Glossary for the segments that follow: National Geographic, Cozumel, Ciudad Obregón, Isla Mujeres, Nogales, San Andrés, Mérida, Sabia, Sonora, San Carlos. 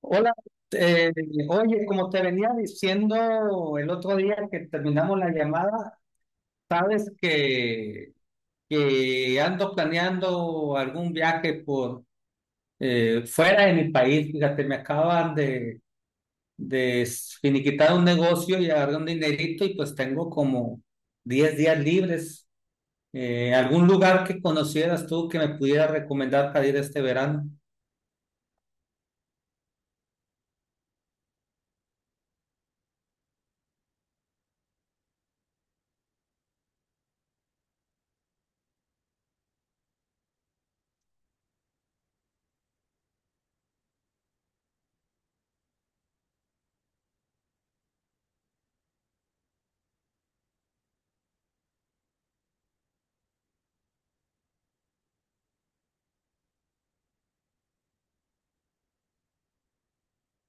Hola, eh, oye, como te venía diciendo el otro día que terminamos la llamada, sabes que, que ando planeando algún viaje por fuera de mi país. Fíjate, me acaban de finiquitar un negocio y agarré un dinerito y pues tengo como 10 días libres. ¿Algún lugar que conocieras tú que me pudiera recomendar para ir este verano?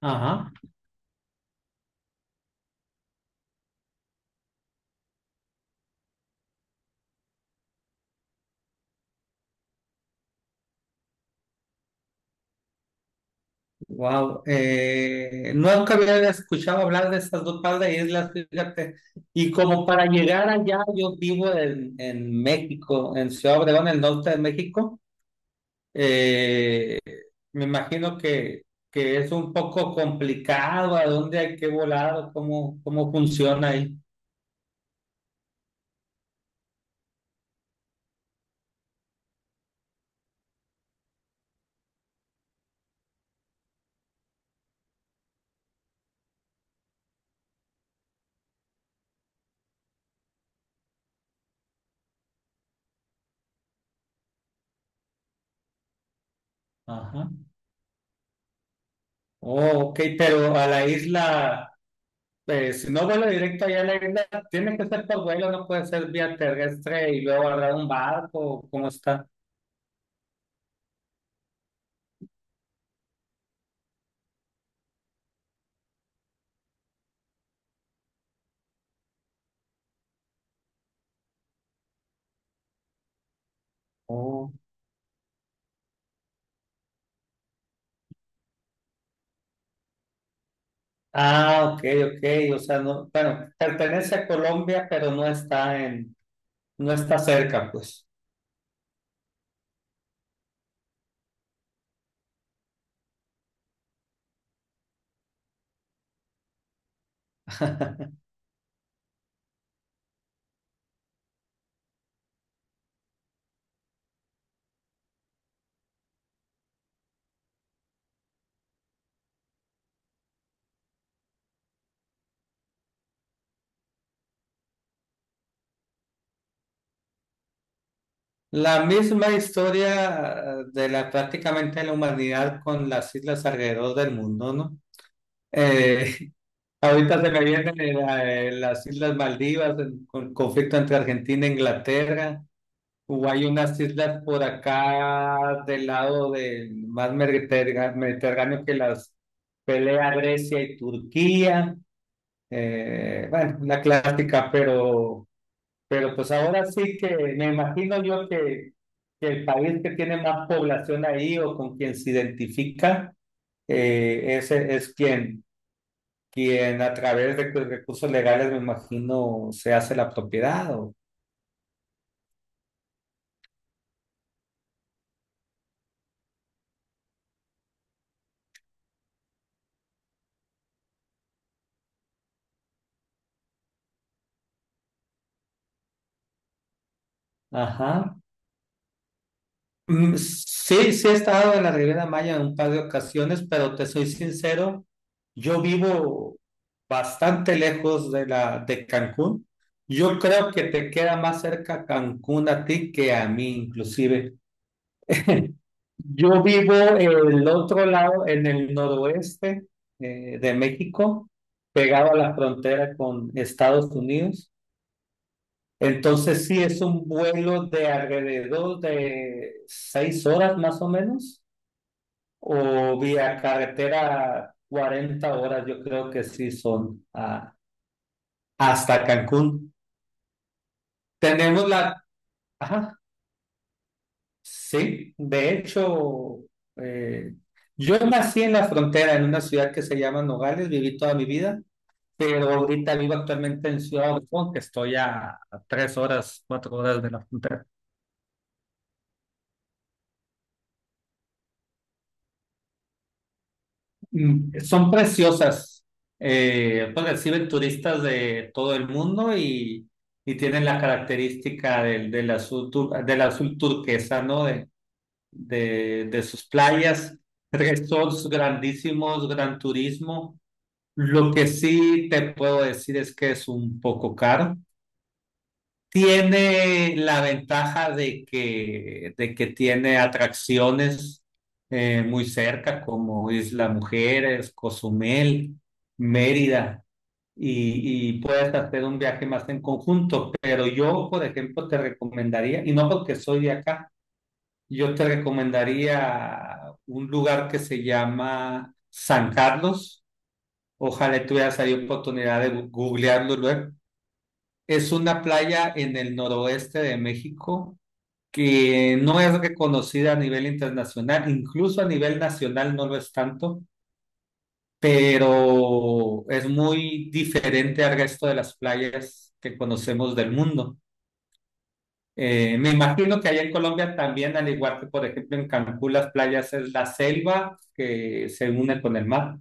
Ajá. Wow, nunca había escuchado hablar de esas dos par de islas, fíjate. Y como para llegar allá, yo vivo en México, en Ciudad Obregón, en el norte de México. Eh, Me imagino que es un poco complicado a dónde hay que volar o cómo, cómo funciona ahí. Ajá. Oh, ok, pero a la isla, si no vuelo directo allá a la isla, tiene que ser por vuelo, no puede ser vía terrestre y luego agarrar un barco, ¿cómo está? Oh. Ah, ok, ok. O sea, no, bueno, pertenece a Colombia, pero no está no está cerca, pues. La misma historia de la prácticamente la humanidad con las islas alrededor del mundo, ¿no? Eh, Ahorita se me vienen las Islas Maldivas, el conflicto entre Argentina e Inglaterra, o hay unas islas por acá del lado del más mediterráneo que las pelea Grecia y Turquía. Bueno, una clásica, pero pues ahora sí que me imagino yo que el país que tiene más población ahí o con quien se identifica ese es quien quien a través de cu- recursos legales, me imagino, se hace la propiedad. O- Ajá. Mm, sí, sí he estado en la Riviera Maya en un par de ocasiones, pero te soy sincero, yo vivo bastante lejos de la de Cancún. Yo creo que te queda más cerca Cancún a ti que a mí, inclusive. Yo vivo en el otro lado, en el noroeste de México, pegado a la frontera con Estados Unidos. Entonces sí es un vuelo de alrededor de 6 horas más o menos, o vía carretera 40 horas, yo creo que sí son hasta Cancún. Tenemos la... Ajá, sí, de hecho, eh, yo nací en la frontera, en una ciudad que se llama Nogales, viví toda mi vida, pero ahorita vivo actualmente en Ciudad Obregón, que estoy a tres horas, cuatro horas de la frontera. Mm, son preciosas. Pues reciben turistas de todo el mundo y tienen la característica del azul, del azul turquesa, ¿no? De, de sus playas, resorts grandísimos, gran turismo. Lo que sí te puedo decir es que es un poco caro. Tiene la ventaja de de que tiene atracciones muy cerca, como Isla Mujeres, Cozumel, Mérida, y puedes hacer un viaje más en conjunto. Pero yo, por ejemplo, te recomendaría, y no porque soy de acá, yo te recomendaría un lugar que se llama San Carlos. Ojalá tuvieras ahí oportunidad de googlearlo luego. Es una playa en el noroeste de México que no es reconocida a nivel internacional, incluso a nivel nacional no lo es tanto, pero es muy diferente al resto de las playas que conocemos del mundo. Me imagino que allá en Colombia también, al igual que por ejemplo en Cancún, las playas es la selva que se une con el mar.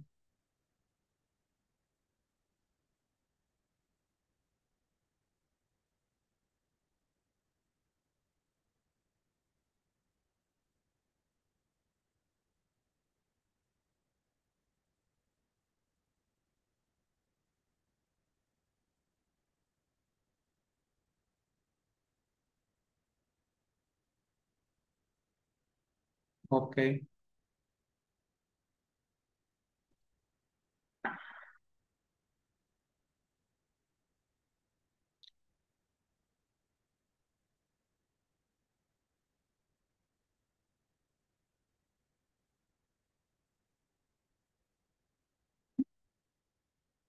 Ok.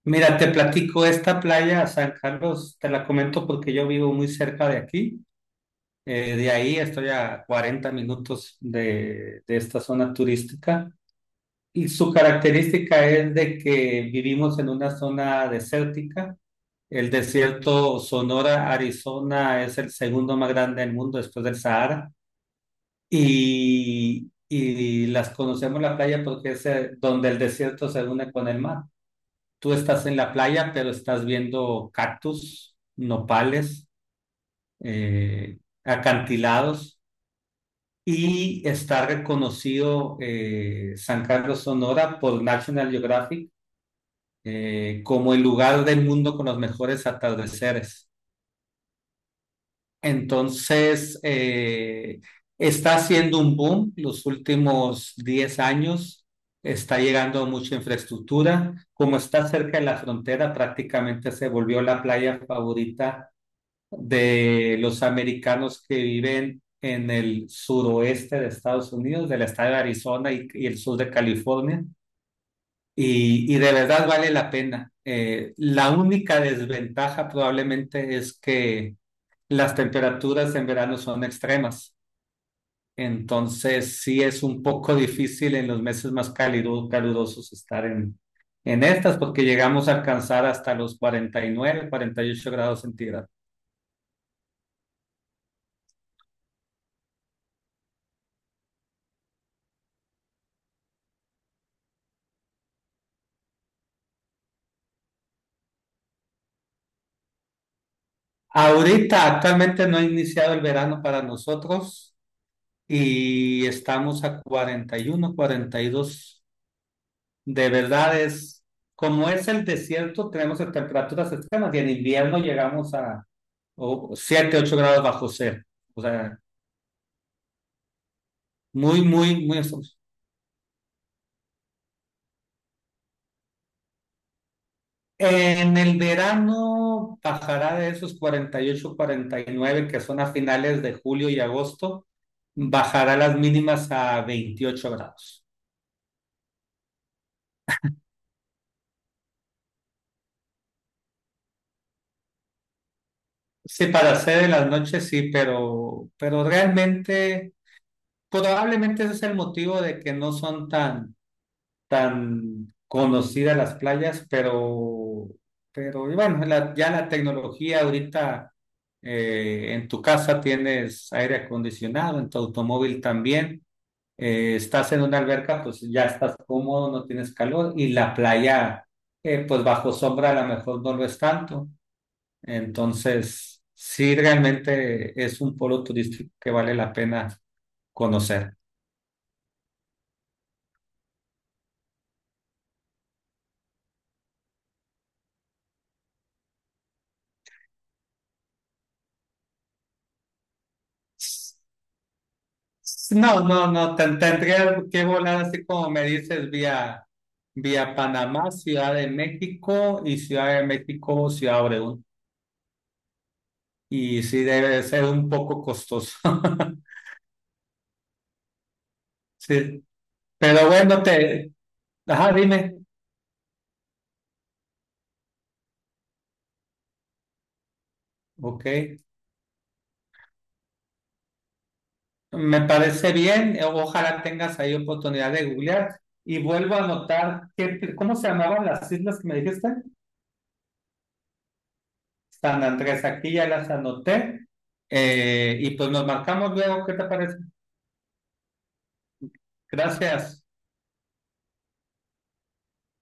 Mira, te platico esta playa, San Carlos, te la comento porque yo vivo muy cerca de aquí. De ahí estoy a 40 minutos de esta zona turística y su característica es de que vivimos en una zona desértica. El desierto Sonora, Arizona, es el segundo más grande del mundo después del Sahara y las conocemos la playa porque es donde el desierto se une con el mar. Tú estás en la playa, pero estás viendo cactus, nopales, eh, acantilados y está reconocido San Carlos Sonora por National Geographic como el lugar del mundo con los mejores atardeceres. Entonces, está haciendo un boom los últimos 10 años, está llegando mucha infraestructura, como está cerca de la frontera, prácticamente se volvió la playa favorita de los americanos que viven en el suroeste de Estados Unidos, del estado de Arizona y el sur de California. Y de verdad vale la pena. La única desventaja probablemente es que las temperaturas en verano son extremas. Entonces sí es un poco difícil en los meses más cálidos, calurosos estar en estas porque llegamos a alcanzar hasta los 49, 48 grados centígrados. Ahorita actualmente no ha iniciado el verano para nosotros y estamos a 41, 42. De verdad es, como es el desierto, tenemos temperaturas extremas y en invierno llegamos a o- 7, 8 grados bajo cero. O sea, muy, muy, muy eso. En el verano bajará de esos 48, 49 que son a finales de julio y agosto, bajará las mínimas a 28 grados. Sí, para hacer en las noches sí, pero realmente, probablemente ese es el motivo de que no son tan, tan conocidas las playas, pero y bueno, ya la tecnología ahorita en tu casa tienes aire acondicionado, en tu automóvil también, estás en una alberca, pues ya estás cómodo, no tienes calor, y la playa, pues bajo sombra a lo mejor no lo es tanto. Entonces, sí, realmente es un polo turístico que vale la pena conocer. No, no, no, tendría que volar así como me dices, vía Panamá, Ciudad de México y Ciudad de México, Ciudad Obregón. Y sí, debe de ser un poco costoso. Sí, pero bueno, te... Ajá, dime. Ok. Me parece bien, ojalá tengas ahí oportunidad de googlear y vuelvo a anotar qué cómo se llamaban las islas que me dijiste. San Andrés, aquí ya las anoté y pues nos marcamos luego, ¿qué te parece? Gracias.